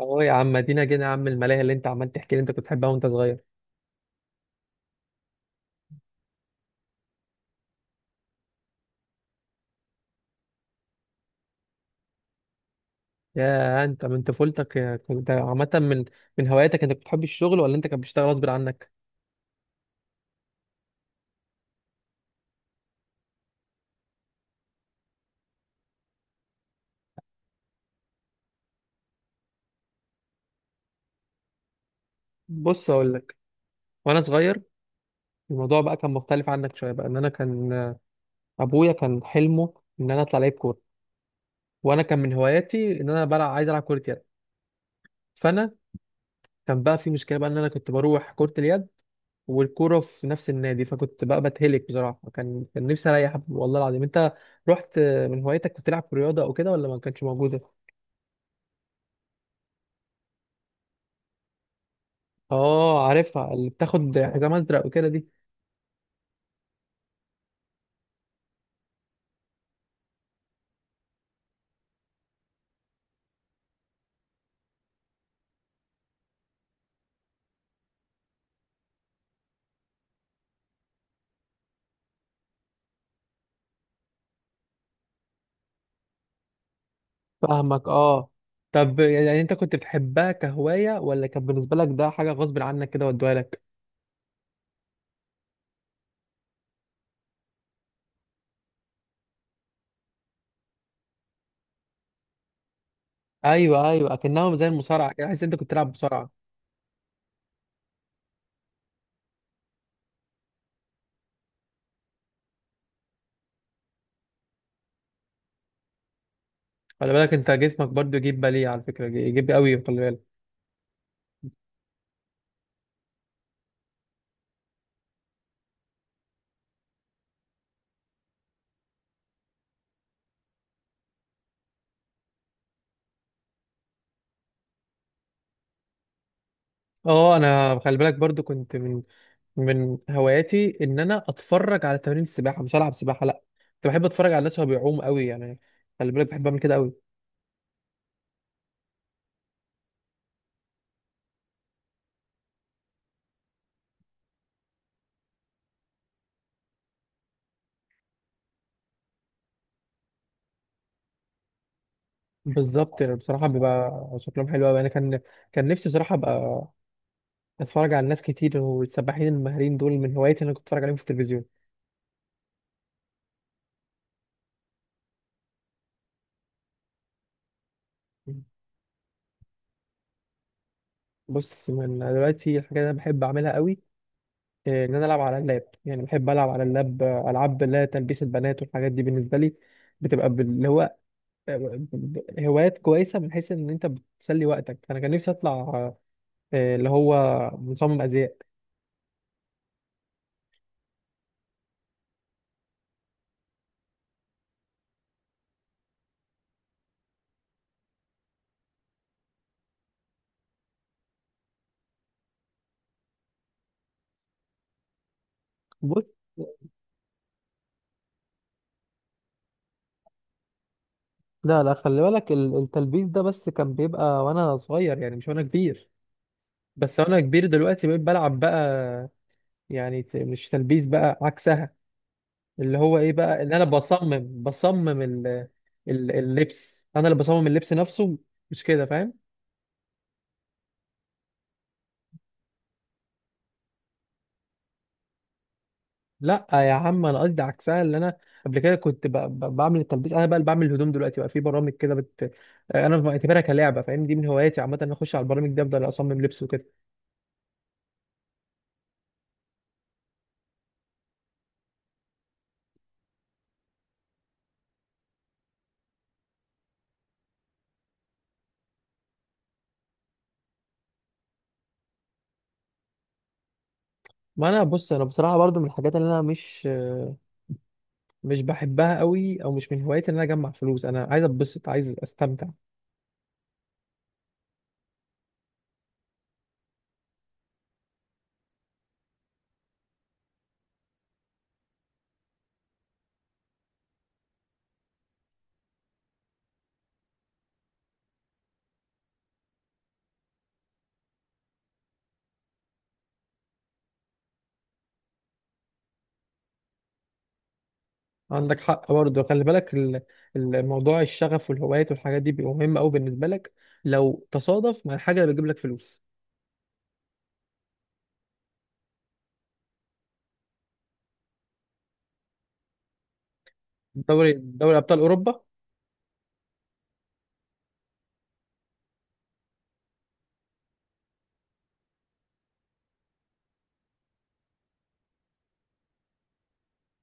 اه يا عم، ادينا جينا يا عم الملاهي اللي انت عمال تحكي اللي انت كنت بتحبها وانت صغير. يا انت من طفولتك، كنت عامه من هواياتك، انت كنت بتحب الشغل ولا انت كنت بتشتغل غصب عنك؟ بص اقول لك. وانا صغير، الموضوع بقى كان مختلف عنك شويه بقى، ان انا كان ابويا كان حلمه ان انا اطلع لعيب كوره، وانا كان من هواياتي ان انا بلعب، عايز العب كره يد. فانا كان بقى في مشكله بقى ان انا كنت بروح كره اليد والكوره في نفس النادي، فكنت بقى بتهلك بصراحه. كان نفسي اريح والله العظيم. انت رحت من هوايتك كنت تلعب رياضه او كده ولا ما كانتش موجوده؟ اه، عارفها، اللي بتاخد حزام ازرق وكده دي. فاهمك، اه. طب يعني انت كنت بتحبها كهوايه، ولا كان بالنسبه لك ده حاجه غصب عنك كده ودوها لك؟ ايوه، ايوه، اكنها زي المصارعه كده، حاسس إن انت كنت تلعب مصارعه. خلي بالك انت جسمك برضو يجيب باليه، على فكره يجيب قوي، خلي بالك. اه، انا خلي بالك برضو كنت من هواياتي ان انا اتفرج على تمارين السباحه، مش العب سباحه لا، كنت بحب اتفرج على الناس وهو بيعوم قوي يعني. خلي بالك بحب اعمل كده قوي. بالظبط، يعني بصراحه بيبقى شكلهم حلو قوي. انا كان نفسي بصراحه ابقى اتفرج على ناس كتير، والسباحين الماهرين دول من هواياتي اللي انا كنت اتفرج عليهم في التلفزيون. بص، من دلوقتي الحاجه اللي انا بحب اعملها قوي، ان انا العب على اللاب. يعني بحب العب على اللاب، العاب اللي هي تلبيس البنات، والحاجات دي بالنسبه لي بتبقى اللي هو هوايات كويسة من حيث إن أنت بتسلي وقتك. أنا كان نفسي أطلع اللي هو مصمم أزياء. بص، لا لا، خلي بالك التلبيس ده بس كان بيبقى وانا صغير، يعني مش وانا كبير. بس وانا كبير دلوقتي بقيت بلعب بقى. يعني مش تلبيس بقى، عكسها. اللي هو ايه بقى، ان انا بصمم اللبس. انا اللي بصمم اللبس نفسه، مش كده؟ فاهم. لا يا عم، انا قصدي عكسها. اللي انا قبل كده كنت بعمل التلبيس، انا بقى اللي بعمل الهدوم دلوقتي. بقى في برامج كده انا بعتبرها كلعبه، فاهم؟ دي من هواياتي عامه. انا اخش على البرامج دي، افضل اصمم لبس وكده. ما انا بص، انا بصراحه برضو من الحاجات اللي انا مش بحبها قوي، او مش من هواياتي، ان انا اجمع فلوس. انا عايز اتبسط، عايز استمتع. عندك حق برضه. خلي بالك الموضوع، الشغف والهوايات والحاجات دي بيبقى مهم قوي بالنسبه لك لو تصادف مع الحاجه اللي بتجيب لك فلوس. دوري دوري ابطال اوروبا.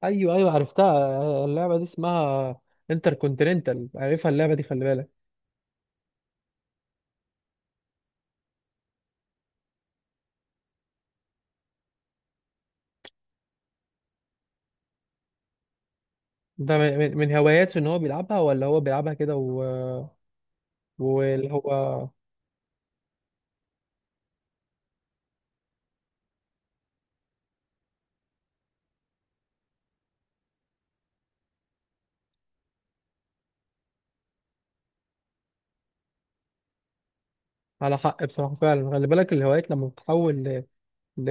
ايوه، ايوه، عرفتها اللعبه دي، اسمها انتر كونتيننتال، عارفها اللعبه دي، خلي بالك. ده من هواياته ان هو بيلعبها، ولا هو بيلعبها كده واللي هو على حق؟ بصراحه فعلا، خلي بالك الهوايات لما بتتحول ل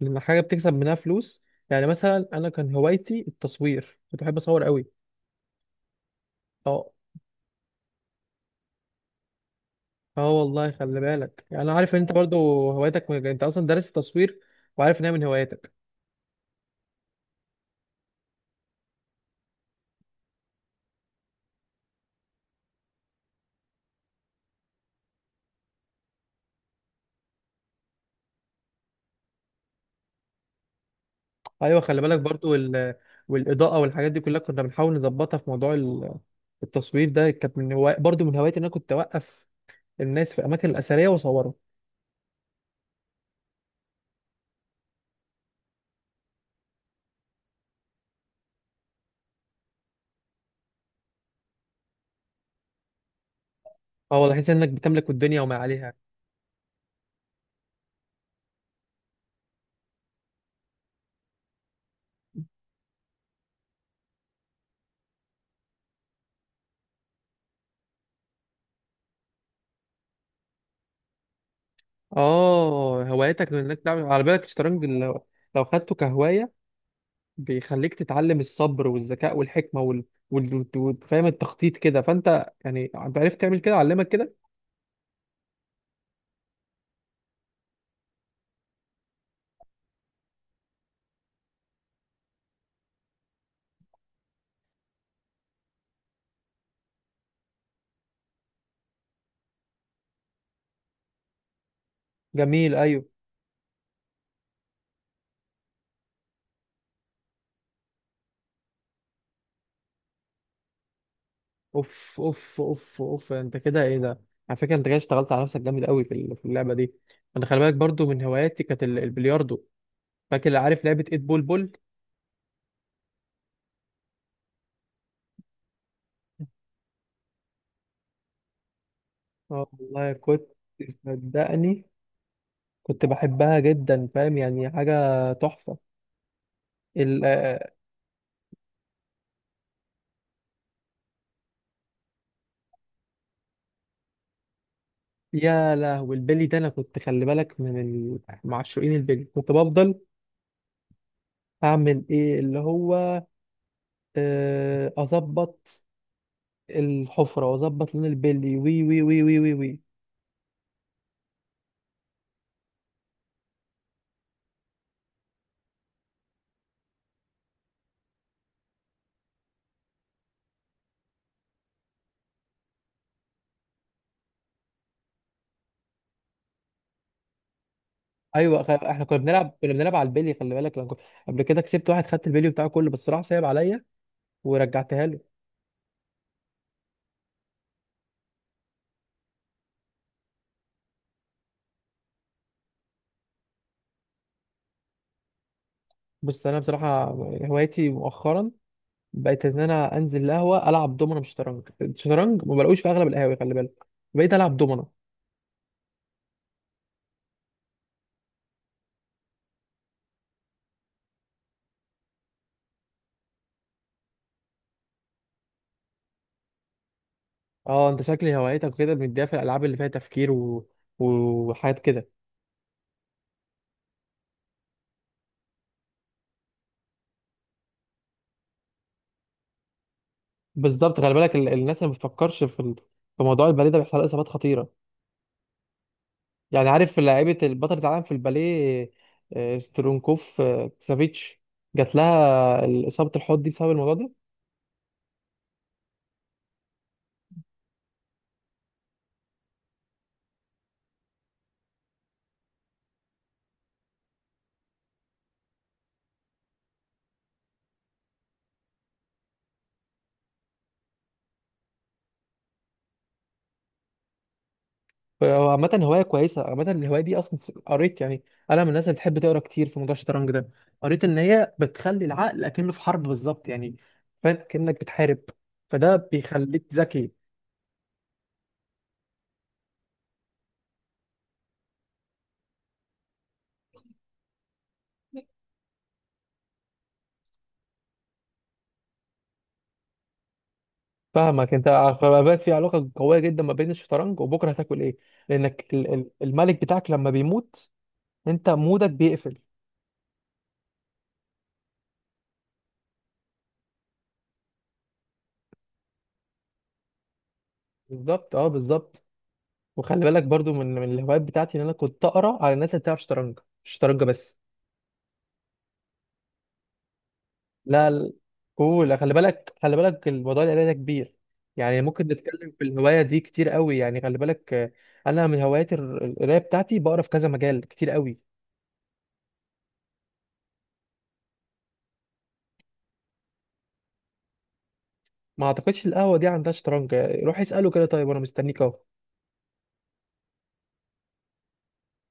لان حاجه بتكسب منها فلوس. يعني مثلا انا كان هوايتي التصوير، كنت بحب اصور قوي. اه، اه والله، خلي بالك، يعني انا عارف ان انت برضو هوايتك انت اصلا دارس التصوير، وعارف ان هي من هواياتك. ايوه، خلي بالك برضو والاضاءه والحاجات دي كلها كنا بنحاول نظبطها في موضوع التصوير ده. كانت برضو من هواياتي ان انا كنت اوقف الناس في الاماكن الاثريه واصورهم. اه والله، احس انك بتملك الدنيا وما عليها. اه، هوايتك انك تعمل على بالك الشطرنج، لو خدته كهوايه بيخليك تتعلم الصبر والذكاء والحكمه وال... وال... وال... وال- فاهم التخطيط كده. فانت يعني انت عرفت تعمل كده، علمك كده. جميل، ايوه. اوف اوف اوف اوف، انت كده ايه ده؟ على فكره انت كده اشتغلت على نفسك جامد قوي في اللعبه دي. انا خلي بالك برضو من هواياتي كانت البلياردو. فاكر؟ عارف لعبه ايت بول بول. اه والله، كنت، صدقني كنت بحبها جدا، فاهم، يعني حاجه تحفه. ال آه، يا لهوي البلي ده! انا كنت، خلي بالك، من معشوقين البلي. كنت بفضل اعمل ايه اللي هو اظبط الحفره، واظبط لون البلي، وي وي وي وي وي وي. ايوه، احنا كنا بنلعب على البلي، خلي بالك، لما قبل كده كسبت واحد، خدت البلي بتاعه كله، بس راح سايب عليا، ورجعتها له. بص انا بصراحه، هوايتي مؤخرا بقيت ان انا انزل القهوه، العب دومنه، مش شطرنج. الشطرنج ما بلاقوش في اغلب القهاوي، خلي بالك. بقيت العب دومنه. اه، انت شكلي هوايتك كده مديها في الالعاب اللي فيها تفكير وحاجات كده. بالظبط، خلي بالك الناس اللي ما بتفكرش في في موضوع البلي ده بيحصل لها اصابات خطيره. يعني عارف لعيبة البطلة العالم في الباليه، سترونكوف، كسافيتش، جات لها إصابة الحوض دي بسبب الموضوع ده. هو عامة هواية كويسة. عامة الهواية دي أصلا قريت يعني، أنا من الناس اللي بتحب تقرا كتير في موضوع الشطرنج ده. قريت إن هي بتخلي العقل أكنه في حرب، بالظبط يعني، فاهم؟ كأنك بتحارب، فده بيخليك ذكي. فاهمك أنت. فبقى في علاقة قوية جدا ما بين الشطرنج وبكرة هتاكل إيه. لأنك الملك بتاعك لما بيموت، أنت مودك بيقفل. بالظبط، اه بالظبط. وخلي بالك برضو من الهوايات بتاعتي ان انا كنت اقرا على الناس اللي بتلعب شطرنج، مش شطرنج بس. لا، قول. خلي بالك خلي بالك الموضوع، القرايه ده كبير. يعني ممكن نتكلم في الهوايه دي كتير قوي يعني. خلي بالك، انا من هوايات القرايه بتاعتي بقرا في كذا مجال كتير قوي. ما اعتقدش القهوه دي عندها شطرنج. روح اساله كده، طيب، وانا مستنيك اهو.